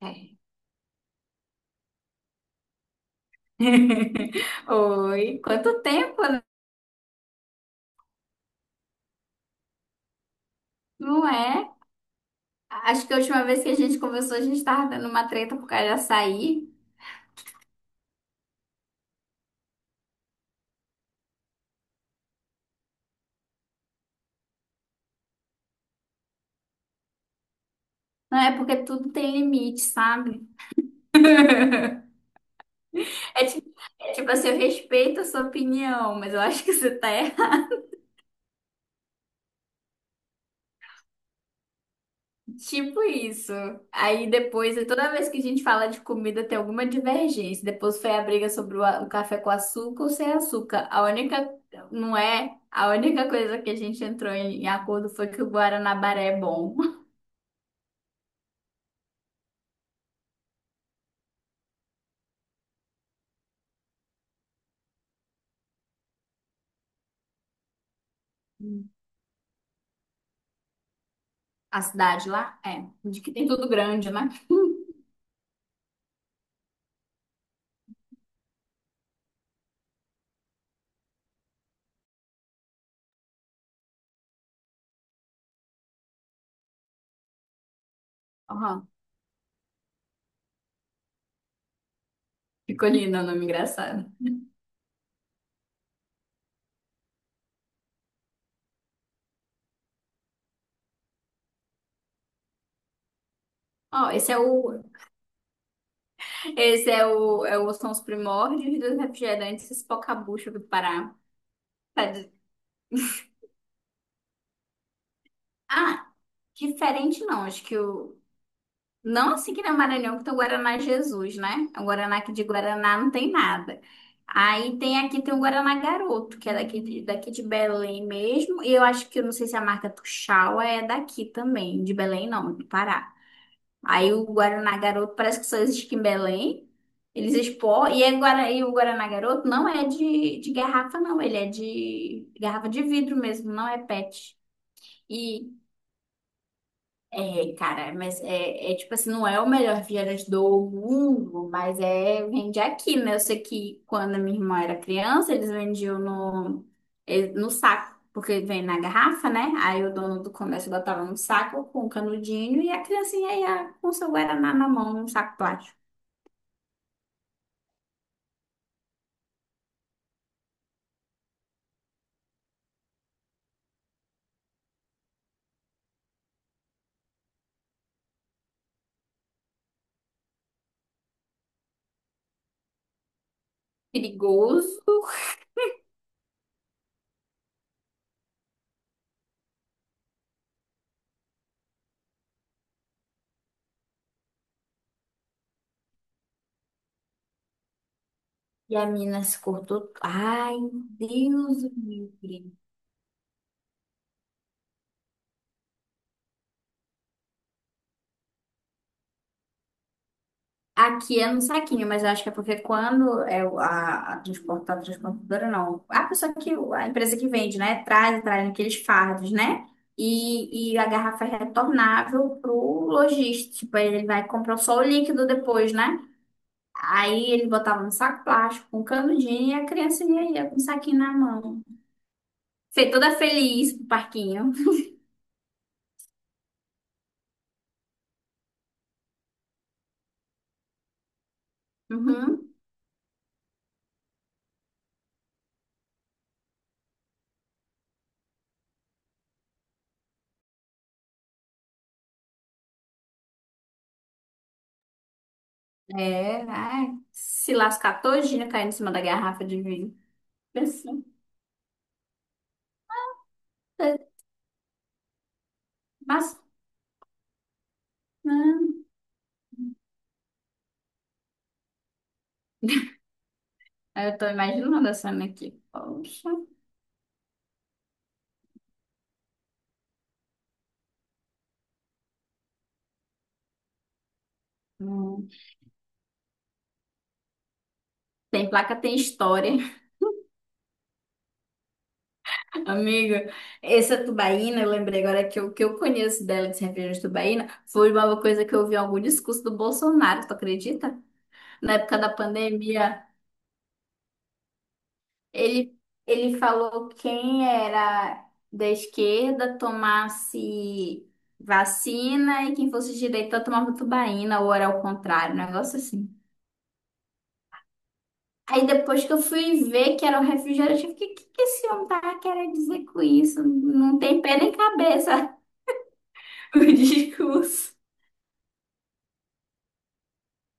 É. Oi, quanto tempo, né? Não é? Acho que a última vez que a gente conversou, a gente tava dando uma treta por causa de açaí. Não é porque tudo tem limite, sabe? É tipo, é tipo assim, eu respeito a sua opinião, mas eu acho que você tá errado. Tipo isso. Aí depois, toda vez que a gente fala de comida, tem alguma divergência. Depois foi a briga sobre o café com açúcar ou sem açúcar. A única, não é? A única coisa que a gente entrou em acordo foi que o Guaranabaré é bom. A cidade lá? É. De que tem tudo grande, né? Aham. Picolina, nome engraçado. Ó, esse é o. Esse é o, é o. São os primórdios dos refrigerantes Espocabucha do Pará. Tá de- Ah, diferente não. Acho que o. Não, assim, que na Maranhão que tem o Guaraná Jesus, né? O Guaraná aqui de Guaraná não tem nada. Aí tem aqui tem o Guaraná Garoto, que é daqui de Belém mesmo. E eu acho que eu não sei se a marca Tuxaua é daqui também, de Belém não, é do Pará. Aí o Guaraná Garoto parece que só existe em Belém. Eles expor E, é Guara- e o Guaraná Garoto não é de garrafa, não. Ele é de garrafa de vidro mesmo, não é PET. É, cara, mas é tipo assim, não é o melhor refrigerante do mundo, mas é, vende aqui, né? Eu sei que quando a minha irmã era criança, eles vendiam no saco, porque vem na garrafa, né? Aí o dono do comércio botava no saco com um canudinho e a criancinha ia com seu guaraná na mão, num saco plástico. Perigoso. E a mina se cortou. Ai, Deus do céu. Aqui é no saquinho, mas eu acho que é porque quando é transportadora não, a empresa que vende, né, traz aqueles fardos, né, e a garrafa é retornável pro lojista, tipo, aí ele vai comprar só o líquido depois, né, aí ele botava no saco plástico, com um canudinho, e a criancinha ia com o saquinho na mão. Fei toda feliz pro parquinho. Uhum. É, ai, se lascar todinha caindo em cima da garrafa de vinho. Pensando, mas... né? Aí eu tô imaginando a cena aqui. Poxa. Hum. Tem placa, tem história. Amiga, essa tubaína, eu lembrei agora que o que eu conheço dela de cerveja de tubaína foi uma coisa que eu vi em algum discurso do Bolsonaro, tu acredita? Na época da pandemia, ele, ele falou quem era da esquerda tomasse vacina e quem fosse de direita tomava tubaína, ou era o contrário, um negócio assim. Aí depois que eu fui ver que era um refrigerante, eu fiquei, o que que esse homem tava querendo dizer com isso? Não tem pé nem cabeça o discurso.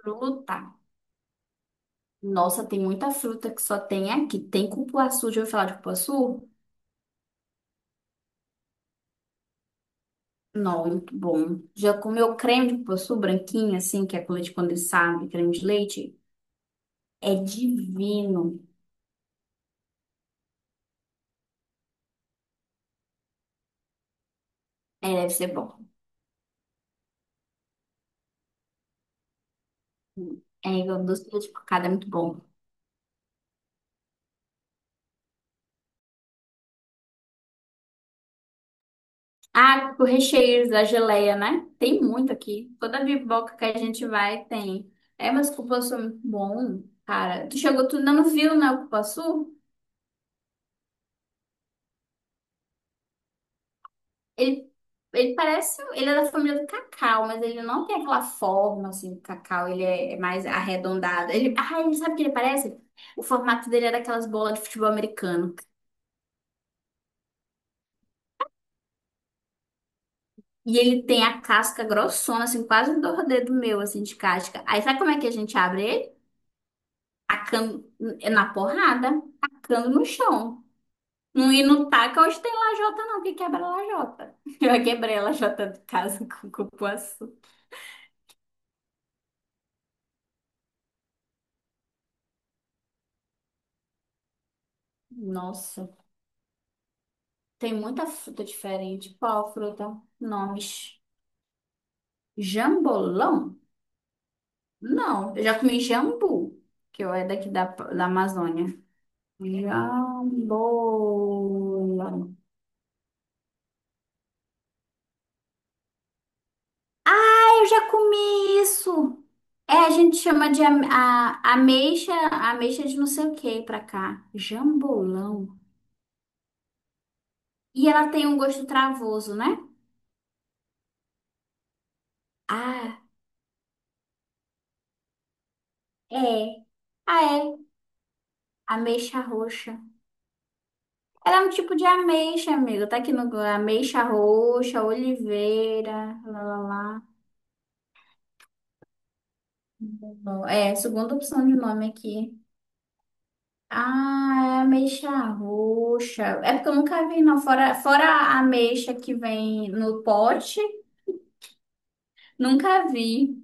Fruta. Nossa, tem muita fruta que só tem aqui. Tem cupuaçu, já ouviu falar de cupuaçu? Não, muito bom. Já comeu creme de cupuaçu branquinho, assim, que é com leite condensado, e creme de leite? É divino. É, deve ser bom. É, o doce de leite cocada é muito bom. Ah, o recheio da geleia, né? Tem muito aqui. Toda biboca que a gente vai tem. É, mas o cupuaçu é muito bom, cara. Tu chegou, tu ainda não viu, né, o cupuaçu? Ele, ele parece, ele é da família do cacau, mas ele não tem aquela forma, assim, do cacau. Ele é mais arredondado. Ele, ah, ele sabe o que ele parece? O formato dele é daquelas bolas de futebol americano. E ele tem a casca grossona, assim, quase do dedo meu, assim, de casca. Aí sabe como é que a gente abre ele? Tacando é na porrada, tacando no chão. Não, e não taca hoje tem lajota, não, que quebra a lajota. Eu já quebrei a lajota de casa com cupuaçu. Nossa, tem muita fruta diferente. Qual fruta? Nomes. Jambolão? Não, eu já comi jambu, que eu é daqui da Amazônia. Jambolão. Eu já comi isso. É, a gente chama de ameixa de não sei o que pra cá. Jambolão. E ela tem um gosto travoso, né? Ah, é. Ah, é. Ameixa roxa. Ela é um tipo de ameixa, amigo. Tá aqui no Google. Ameixa roxa, oliveira, lá, lá, lá. É, segunda opção de nome aqui. Ah, é ameixa roxa. É porque eu nunca vi, não. Fora a ameixa que vem no pote. Nunca vi.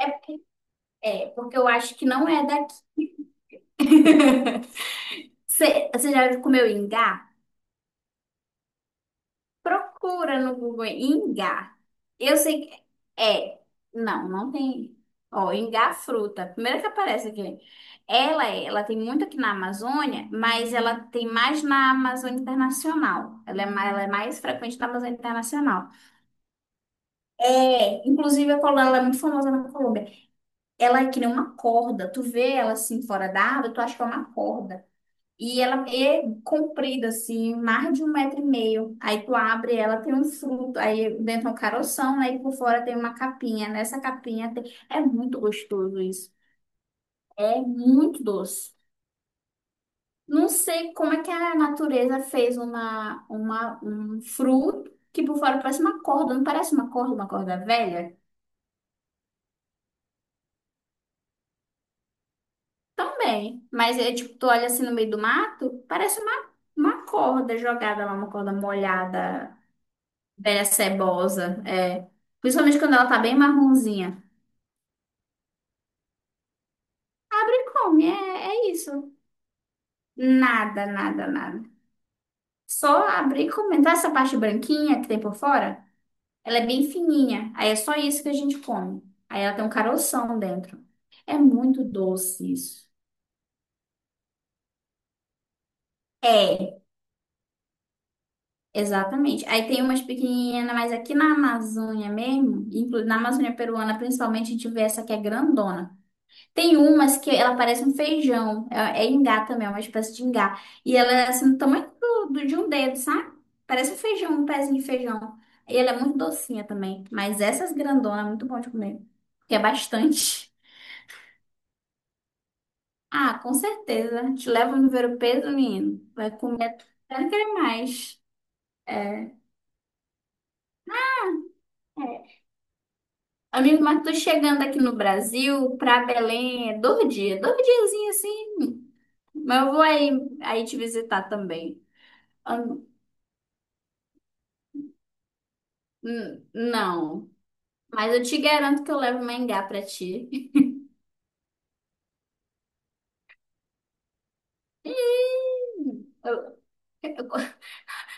É, é, porque eu acho que não é daqui. Você já comeu ingá? Procura no Google ingá. Eu sei que é. Não, não tem. Ó, ingá fruta, primeira que aparece aqui. Ela tem muito aqui na Amazônia, mas ela tem mais na Amazônia Internacional. Ela é mais frequente na Amazônia Internacional. É, inclusive a Colômbia, ela é muito famosa na Colômbia. Ela é que nem uma corda. Tu vê ela assim fora da água, tu acha que é uma corda. E ela é comprida, assim, mais de um metro e meio. Aí tu abre ela, tem um fruto, aí dentro é um caroção, né? E por fora tem uma capinha. Nessa capinha tem... é muito gostoso isso. É muito doce. Não sei como é que a natureza fez um fruto que por fora parece uma corda, não parece uma corda velha? Também. Mas é tipo, tu olha assim no meio do mato, parece uma corda jogada lá, uma corda molhada. Velha cebosa, é. Principalmente quando ela tá bem marronzinha. Abre e come, é, é isso. Nada, nada, nada. Só abrir e comer. Tá essa parte branquinha que tem por fora? Ela é bem fininha. Aí é só isso que a gente come. Aí ela tem um caroção dentro. É muito doce isso. É, exatamente. Aí tem umas pequenininhas, mas aqui na Amazônia mesmo, inclu- na Amazônia peruana principalmente, a gente vê essa que é grandona. Tem umas que ela parece um feijão. É, é ingá também, é uma espécie de ingá. E ela é assim, do tamanho de um dedo, sabe? Parece um feijão, um pezinho de feijão. E ela é muito docinha também. Mas essas grandonas é muito bom de comer. Porque é bastante. Ah, com certeza. Te leva no ver o peso, menino. Vai comer até querer mais. É. É. Amigo, mas tô chegando aqui no Brasil, pra Belém, é dois dias. Dois diazinhos assim. Mas eu vou aí, aí te visitar também. Não, mas eu te garanto que eu levo mangá pra ti. Ih, Eu- eu-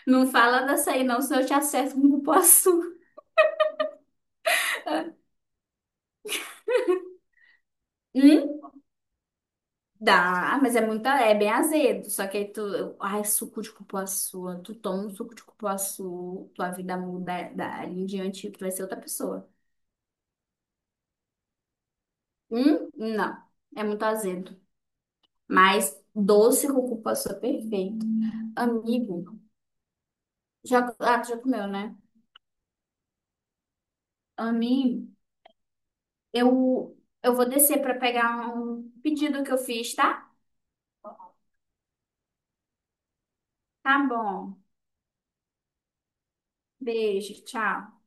Não fala dessa aí não, senão eu te acerto com o cupuaçu. Hum? Dá, mas é muito, é bem azedo. Só que aí tu, eu- ai, suco de cupuaçu, tu toma um suco de cupuaçu, tua vida muda dali em diante, tu vai ser outra pessoa. Hum? Não, é muito azedo. Mas doce com cupuaçu é perfeito. Amigo, já, ah, tu já comeu, né? Amigo. Eu, eu vou descer para pegar um pedido que eu fiz, tá? Tá bom. Beijo, tchau.